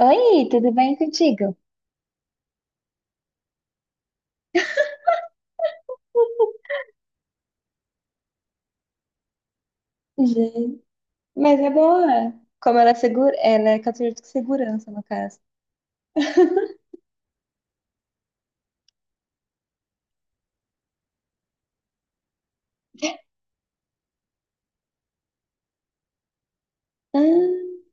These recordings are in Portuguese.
Oi, tudo bem contigo? Gente, mas é boa. Como ela é segura, ela é cadeira de segurança, no caso. Ah.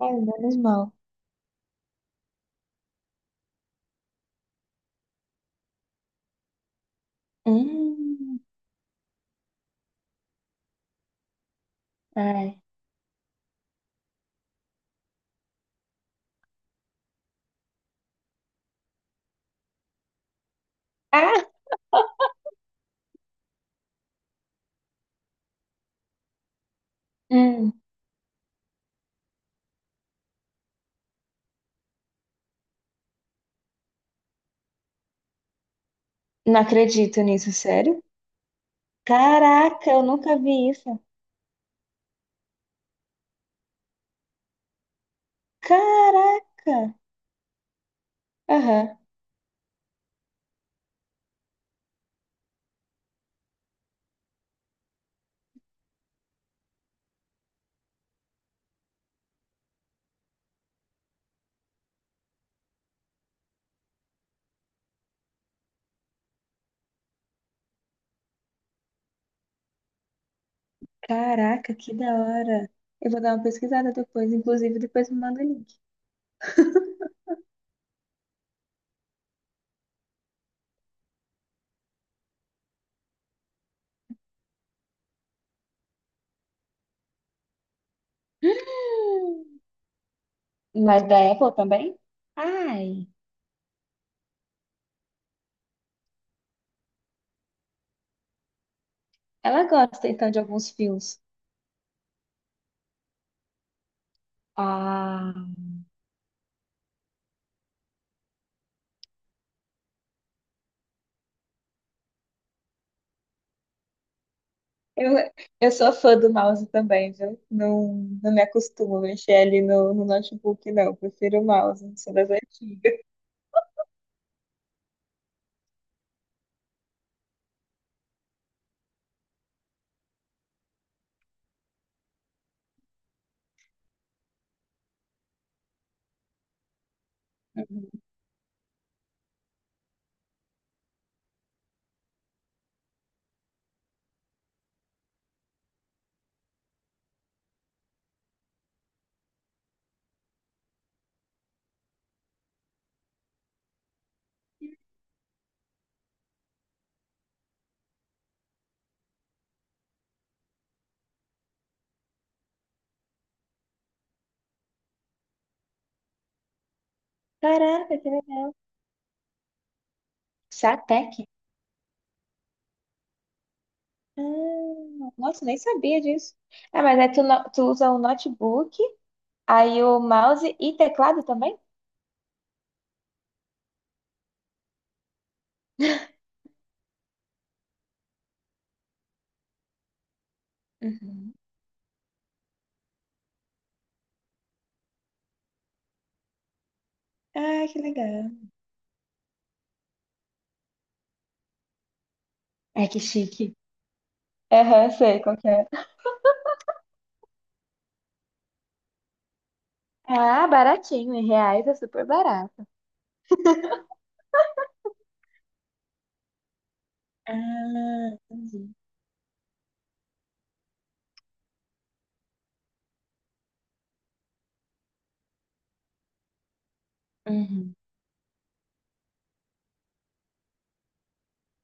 Ai, menos mal. Hum. Ai. Ah! Hum, não acredito nisso, sério? Caraca, eu nunca vi isso. Caraca! Aham. Caraca, que da hora. Eu vou dar uma pesquisada depois, inclusive depois me manda o link. Mas da Apple também? Ai. Ela gosta então de alguns filmes. Ah. Eu, eu sou fã do mouse também, viu? Não, não me acostumo a mexer ali no notebook, não. Prefiro o mouse, sou das antigas. Uhum. Caraca, que legal. Satec? Ah, nossa, nem sabia disso. Ah, mas aí tu, tu usa o notebook, aí o mouse e teclado também? Uhum. Ah, que legal. Ai, que chique. Aham, sei qual que é. Ah, baratinho, em reais é super barato. Ah, entendi. Uhum,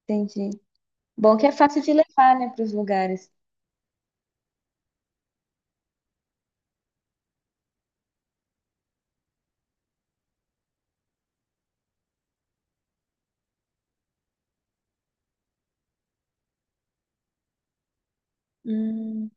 entendi. Bom que é fácil de levar, né, para os lugares. Hum.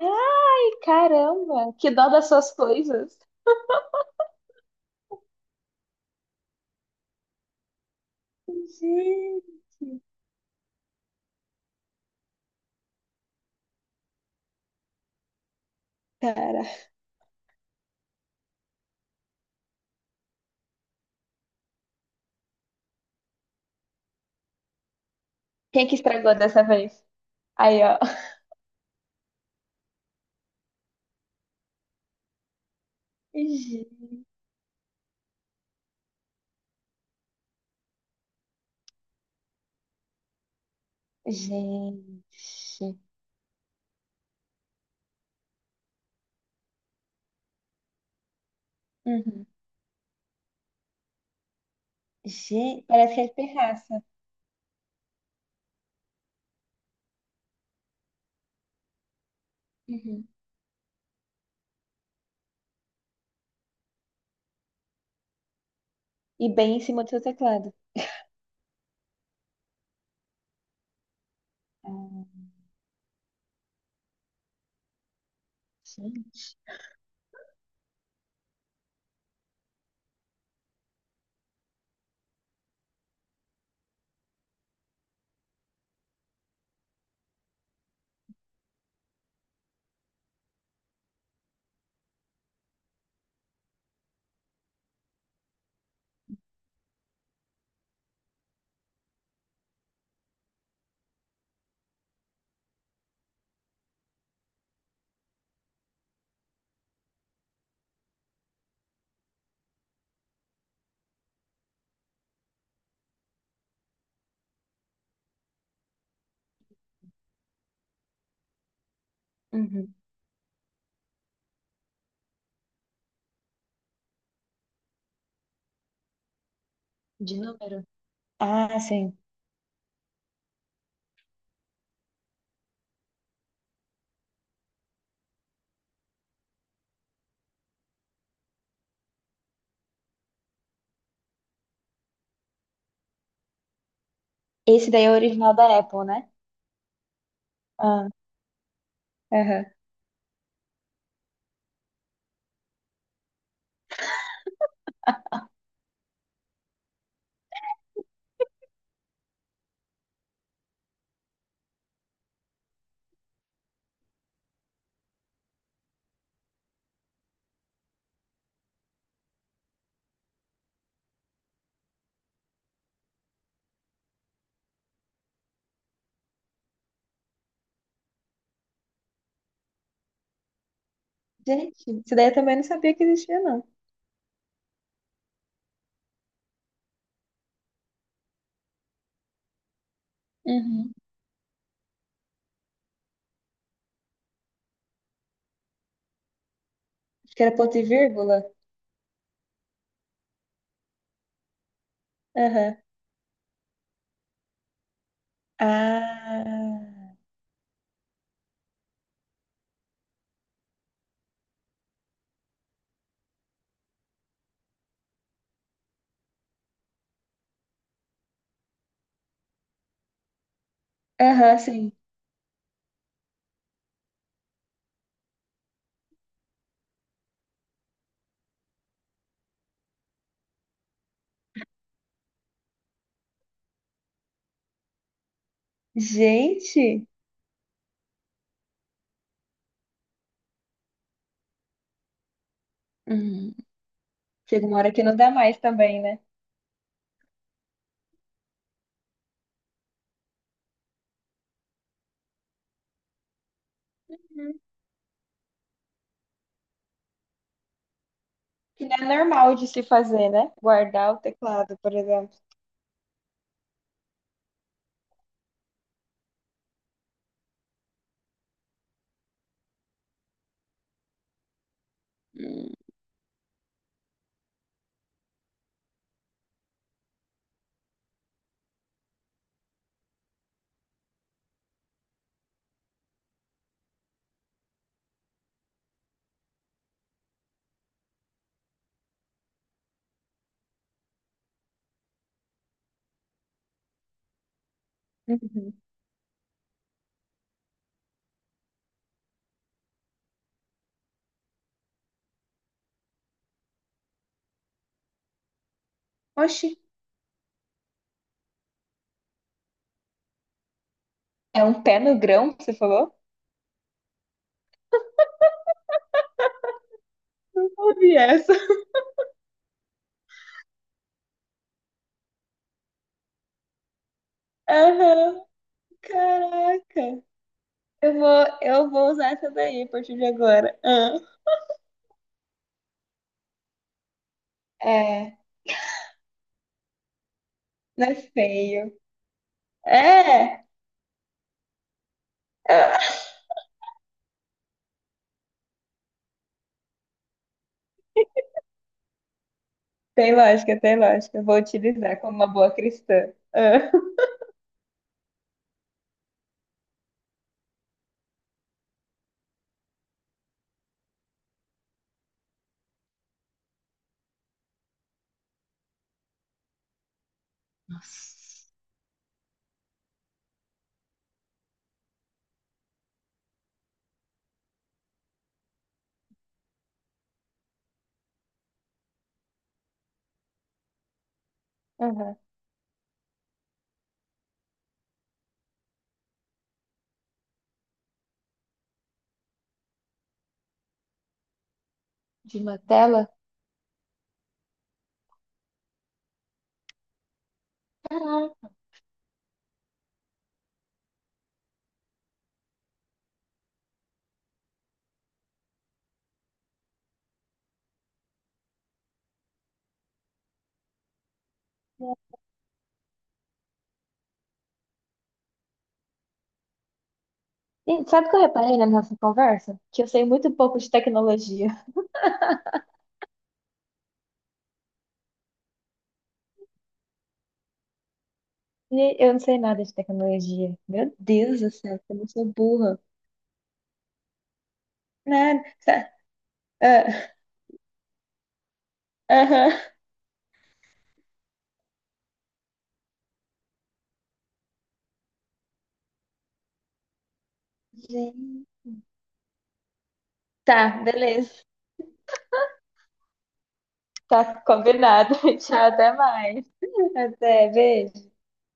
Ai, caramba, que dó das suas coisas. Gente, cara. Quem que estragou dessa vez? Aí, ó. Gente. Gente. Uhum. Gente, parece que é de pirraça. Uhum. E bem em cima do seu teclado. Ah, sim. Uhum. De número. Ah, sim. Esse daí é o original da Apple, né? Ah. Aham. Gente, isso daí eu também não sabia que existia, não. Uhum. Que era ponto e vírgula? Aham. Ah. Aham, sim. Gente! Uhum. Chega uma hora que não dá mais também, né? Uhum. Que não é normal de se fazer, né? Guardar o teclado, por exemplo. Hum. Uhum. Oxi, é um pé no grão que você falou? Não ouvi essa. Aham, caraca. Eu vou usar essa daí a partir de agora. Ah. É, não é feio. É! Tem lógica, tem lógica. Eu vou utilizar como uma boa cristã. Ah. Nossa. Aham. De uma tela? Caraca. E sabe o que eu reparei na nossa conversa? Que eu sei muito pouco de tecnologia. E eu não sei nada de tecnologia. Meu Deus do céu, como eu sou burra. Nada. Tá. Ah, aham. Gente. Tá, beleza. Tá combinado. Tchau, até mais. Até, beijo.